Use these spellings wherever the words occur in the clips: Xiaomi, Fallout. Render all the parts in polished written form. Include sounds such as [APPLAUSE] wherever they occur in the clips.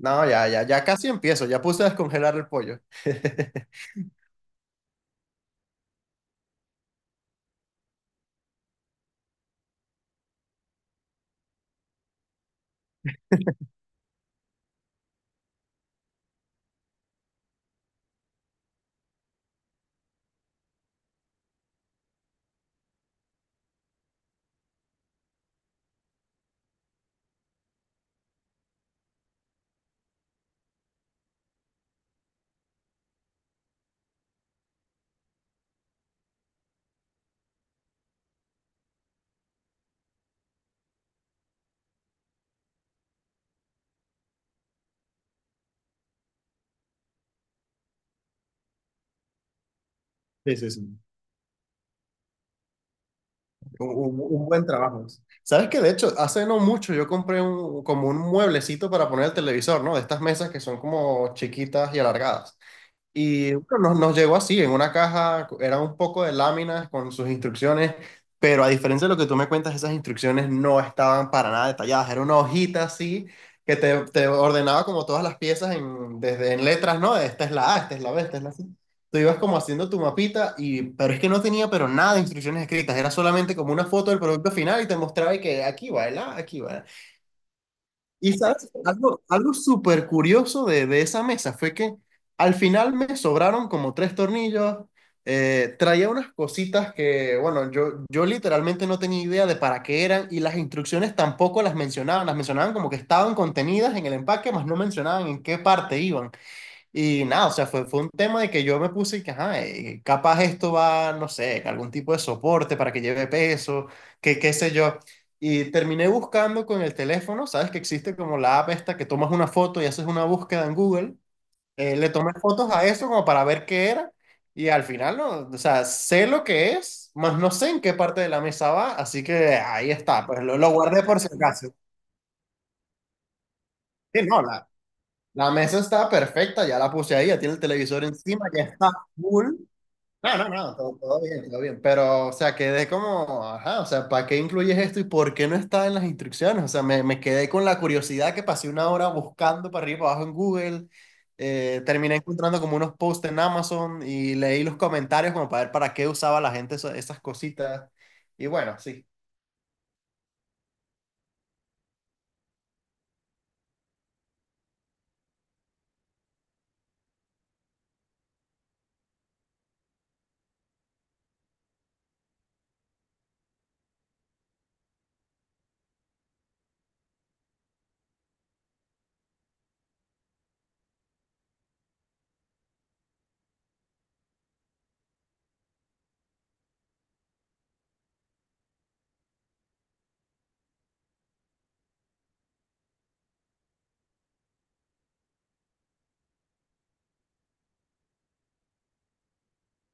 No, ya, ya, ya casi empiezo. Ya puse a descongelar el pollo. [LAUGHS] Sí, sí, sí. Un buen trabajo. Sabes que de hecho, hace no mucho yo compré como un mueblecito para poner el televisor, ¿no? De estas mesas que son como chiquitas y alargadas. Y bueno, nos llegó así, en una caja, era un poco de láminas con sus instrucciones, pero a diferencia de lo que tú me cuentas, esas instrucciones no estaban para nada detalladas, era una hojita así que te ordenaba como todas las piezas desde en letras, ¿no? Esta es la A, esta es la B, esta es la C. Tú ibas como haciendo tu mapita, pero es que no tenía pero nada de instrucciones escritas, era solamente como una foto del producto final y te mostraba y que aquí va el A, aquí va. Y sabes, algo súper curioso de esa mesa fue que al final me sobraron como tres tornillos. Traía unas cositas que, bueno, yo literalmente no tenía idea de para qué eran y las instrucciones tampoco las mencionaban, las mencionaban como que estaban contenidas en el empaque, mas no mencionaban en qué parte iban. Y nada, o sea, fue un tema de que yo me puse que, ajá, capaz esto va, no sé, algún tipo de soporte para que lleve peso, que qué sé yo. Y terminé buscando con el teléfono, sabes que existe como la app esta que tomas una foto y haces una búsqueda en Google. Le tomé fotos a eso como para ver qué era y al final, no, o sea, sé lo que es, más no sé en qué parte de la mesa va, así que ahí está, pues lo guardé por si acaso. Sí, no, la mesa está perfecta, ya la puse ahí, ya tiene el televisor encima, ya está full. No, no, no, todo bien, todo bien. Pero, o sea, quedé como, ajá, o sea, ¿para qué incluyes esto y por qué no está en las instrucciones? O sea, me quedé con la curiosidad que pasé 1 hora buscando para arriba y para abajo en Google. Terminé encontrando como unos posts en Amazon y leí los comentarios como para ver para qué usaba la gente esas cositas. Y bueno, sí.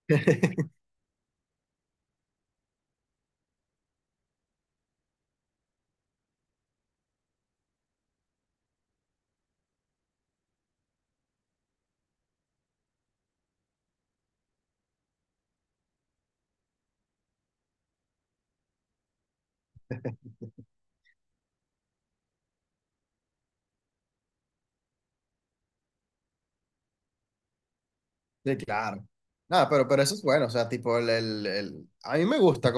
[LAUGHS] Sí, claro. Nada, pero eso es bueno, o sea, tipo, a mí me gusta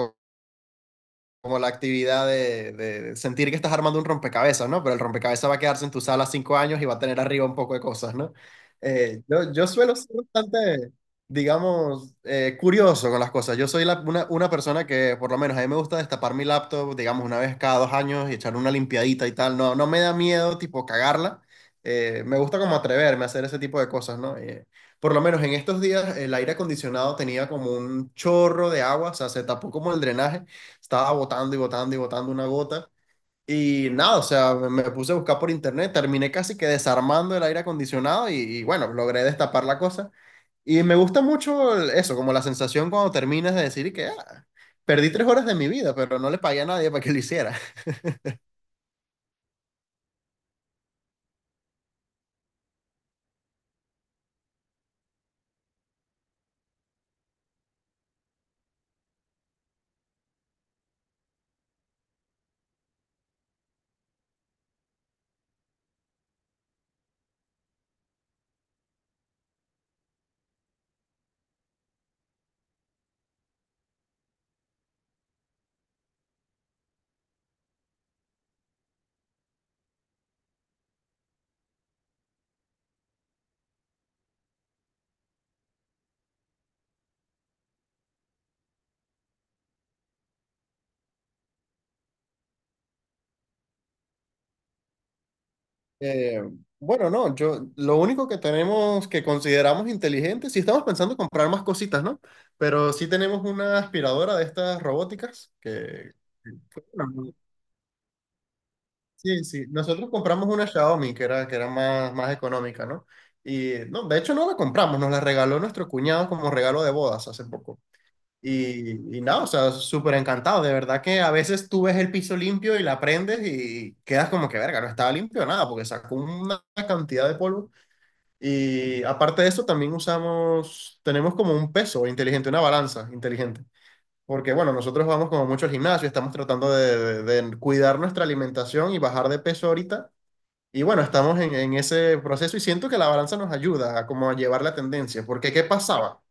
como la actividad de sentir que estás armando un rompecabezas, ¿no? Pero el rompecabezas va a quedarse en tu sala 5 años y va a tener arriba un poco de cosas, ¿no? Yo suelo ser bastante, digamos, curioso con las cosas. Yo soy una persona que, por lo menos, a mí me gusta destapar mi laptop, digamos, una vez cada 2 años y echar una limpiadita y tal. No, no me da miedo, tipo, cagarla. Me gusta como atreverme a hacer ese tipo de cosas, ¿no? Por lo menos en estos días el aire acondicionado tenía como un chorro de agua, o sea, se tapó como el drenaje estaba botando y botando y botando una gota. Y nada, o sea, me puse a buscar por internet, terminé casi que desarmando el aire acondicionado y bueno, logré destapar la cosa. Y me gusta mucho eso, como la sensación cuando terminas de decir que "Ah, perdí 3 horas de mi vida, pero no le pagué a nadie para que lo hiciera". [LAUGHS] Eh, bueno, no, yo lo único que tenemos que consideramos inteligente, si estamos pensando en comprar más cositas, ¿no? Pero sí tenemos una aspiradora de estas robóticas que. Sí, sí. Nosotros compramos una Xiaomi que era, más económica, ¿no? Y no, de hecho no la compramos, nos la regaló nuestro cuñado como regalo de bodas hace poco. Y nada, o sea, súper encantado. De verdad que a veces tú ves el piso limpio y la prendes y quedas como que, verga, no estaba limpio nada porque sacó una cantidad de polvo. Y aparte de eso, también usamos, tenemos como un peso inteligente, una balanza inteligente. Porque bueno, nosotros vamos como mucho al gimnasio, estamos tratando de cuidar nuestra alimentación y bajar de peso ahorita. Y bueno, estamos en ese proceso y siento que la balanza nos ayuda a como a llevar la tendencia, porque ¿qué pasaba?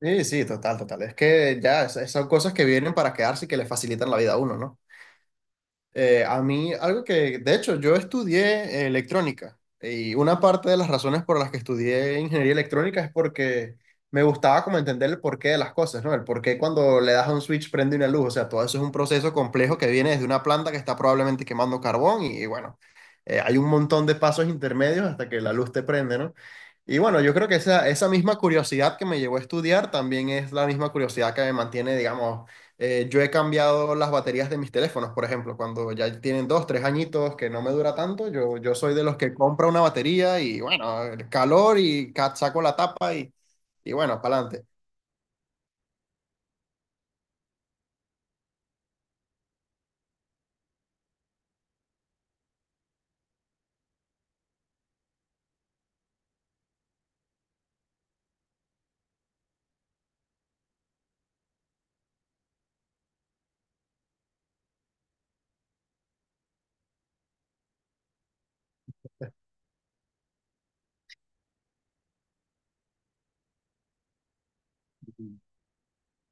Sí, sí, total, total. Es que ya son cosas que vienen para quedarse y que le facilitan la vida a uno, ¿no? A mí, algo que, de hecho, yo estudié electrónica y una parte de las razones por las que estudié ingeniería electrónica es porque me gustaba como entender el porqué de las cosas, ¿no? El porqué cuando le das a un switch prende una luz, o sea, todo eso es un proceso complejo que viene desde una planta que está probablemente quemando carbón y bueno, hay un montón de pasos intermedios hasta que la luz te prende, ¿no? Y bueno, yo creo que esa misma curiosidad que me llevó a estudiar también es la misma curiosidad que me mantiene, digamos. Yo he cambiado las baterías de mis teléfonos, por ejemplo, cuando ya tienen 2, 3 añitos que no me dura tanto, yo soy de los que compra una batería y bueno, el calor y saco la tapa y bueno, para adelante.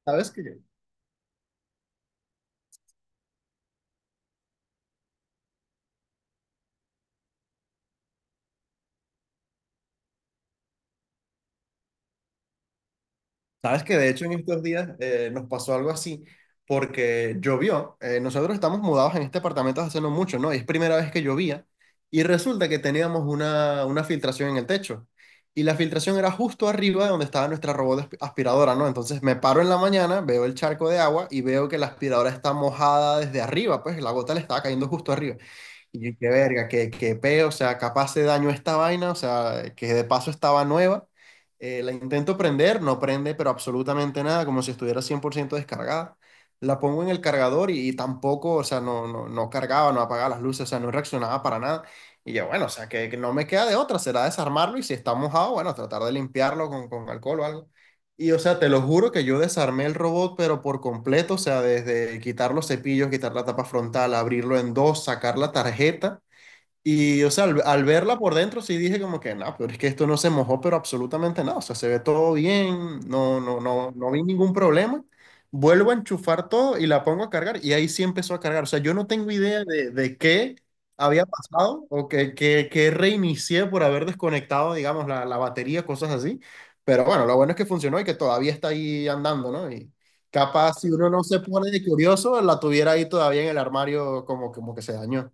¿Sabes qué? Sabes que de hecho en estos días nos pasó algo así porque llovió. Nosotros estamos mudados en este apartamento hace no mucho, ¿no? Y es primera vez que llovía y resulta que teníamos una filtración en el techo y la filtración era justo arriba de donde estaba nuestra robot aspiradora, ¿no? Entonces me paro en la mañana, veo el charco de agua y veo que la aspiradora está mojada desde arriba, pues la gota le estaba cayendo justo arriba. Y qué verga, qué peo, o sea, capaz se dañó esta vaina, o sea, que de paso estaba nueva. La intento prender, no prende, pero absolutamente nada, como si estuviera 100% descargada. La pongo en el cargador y tampoco, o sea, no, no, no cargaba, no apagaba las luces, o sea, no reaccionaba para nada. Y yo, bueno, o sea, que no me queda de otra, será desarmarlo y si está mojado, bueno, tratar de limpiarlo con alcohol o algo. Y o sea, te lo juro que yo desarmé el robot, pero por completo, o sea, desde quitar los cepillos, quitar la tapa frontal, abrirlo en dos, sacar la tarjeta y, o sea, al verla por dentro sí dije como que, no, pero es que esto no se mojó, pero absolutamente nada. O sea, se ve todo bien, no, no, no, no vi ningún problema. Vuelvo a enchufar todo y la pongo a cargar y ahí sí empezó a cargar. O sea, yo no tengo idea de qué había pasado o que reinicié por haber desconectado, digamos, la batería, cosas así. Pero bueno, lo bueno es que funcionó y que todavía está ahí andando, ¿no? Y capaz si uno no se pone de curioso, la tuviera ahí todavía en el armario como que se dañó.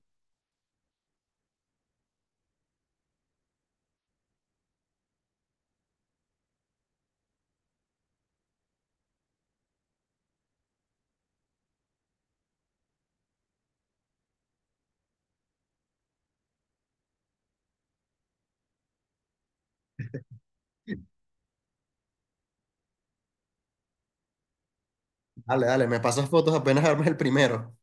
Dale, dale, me pasas fotos apenas armes el primero.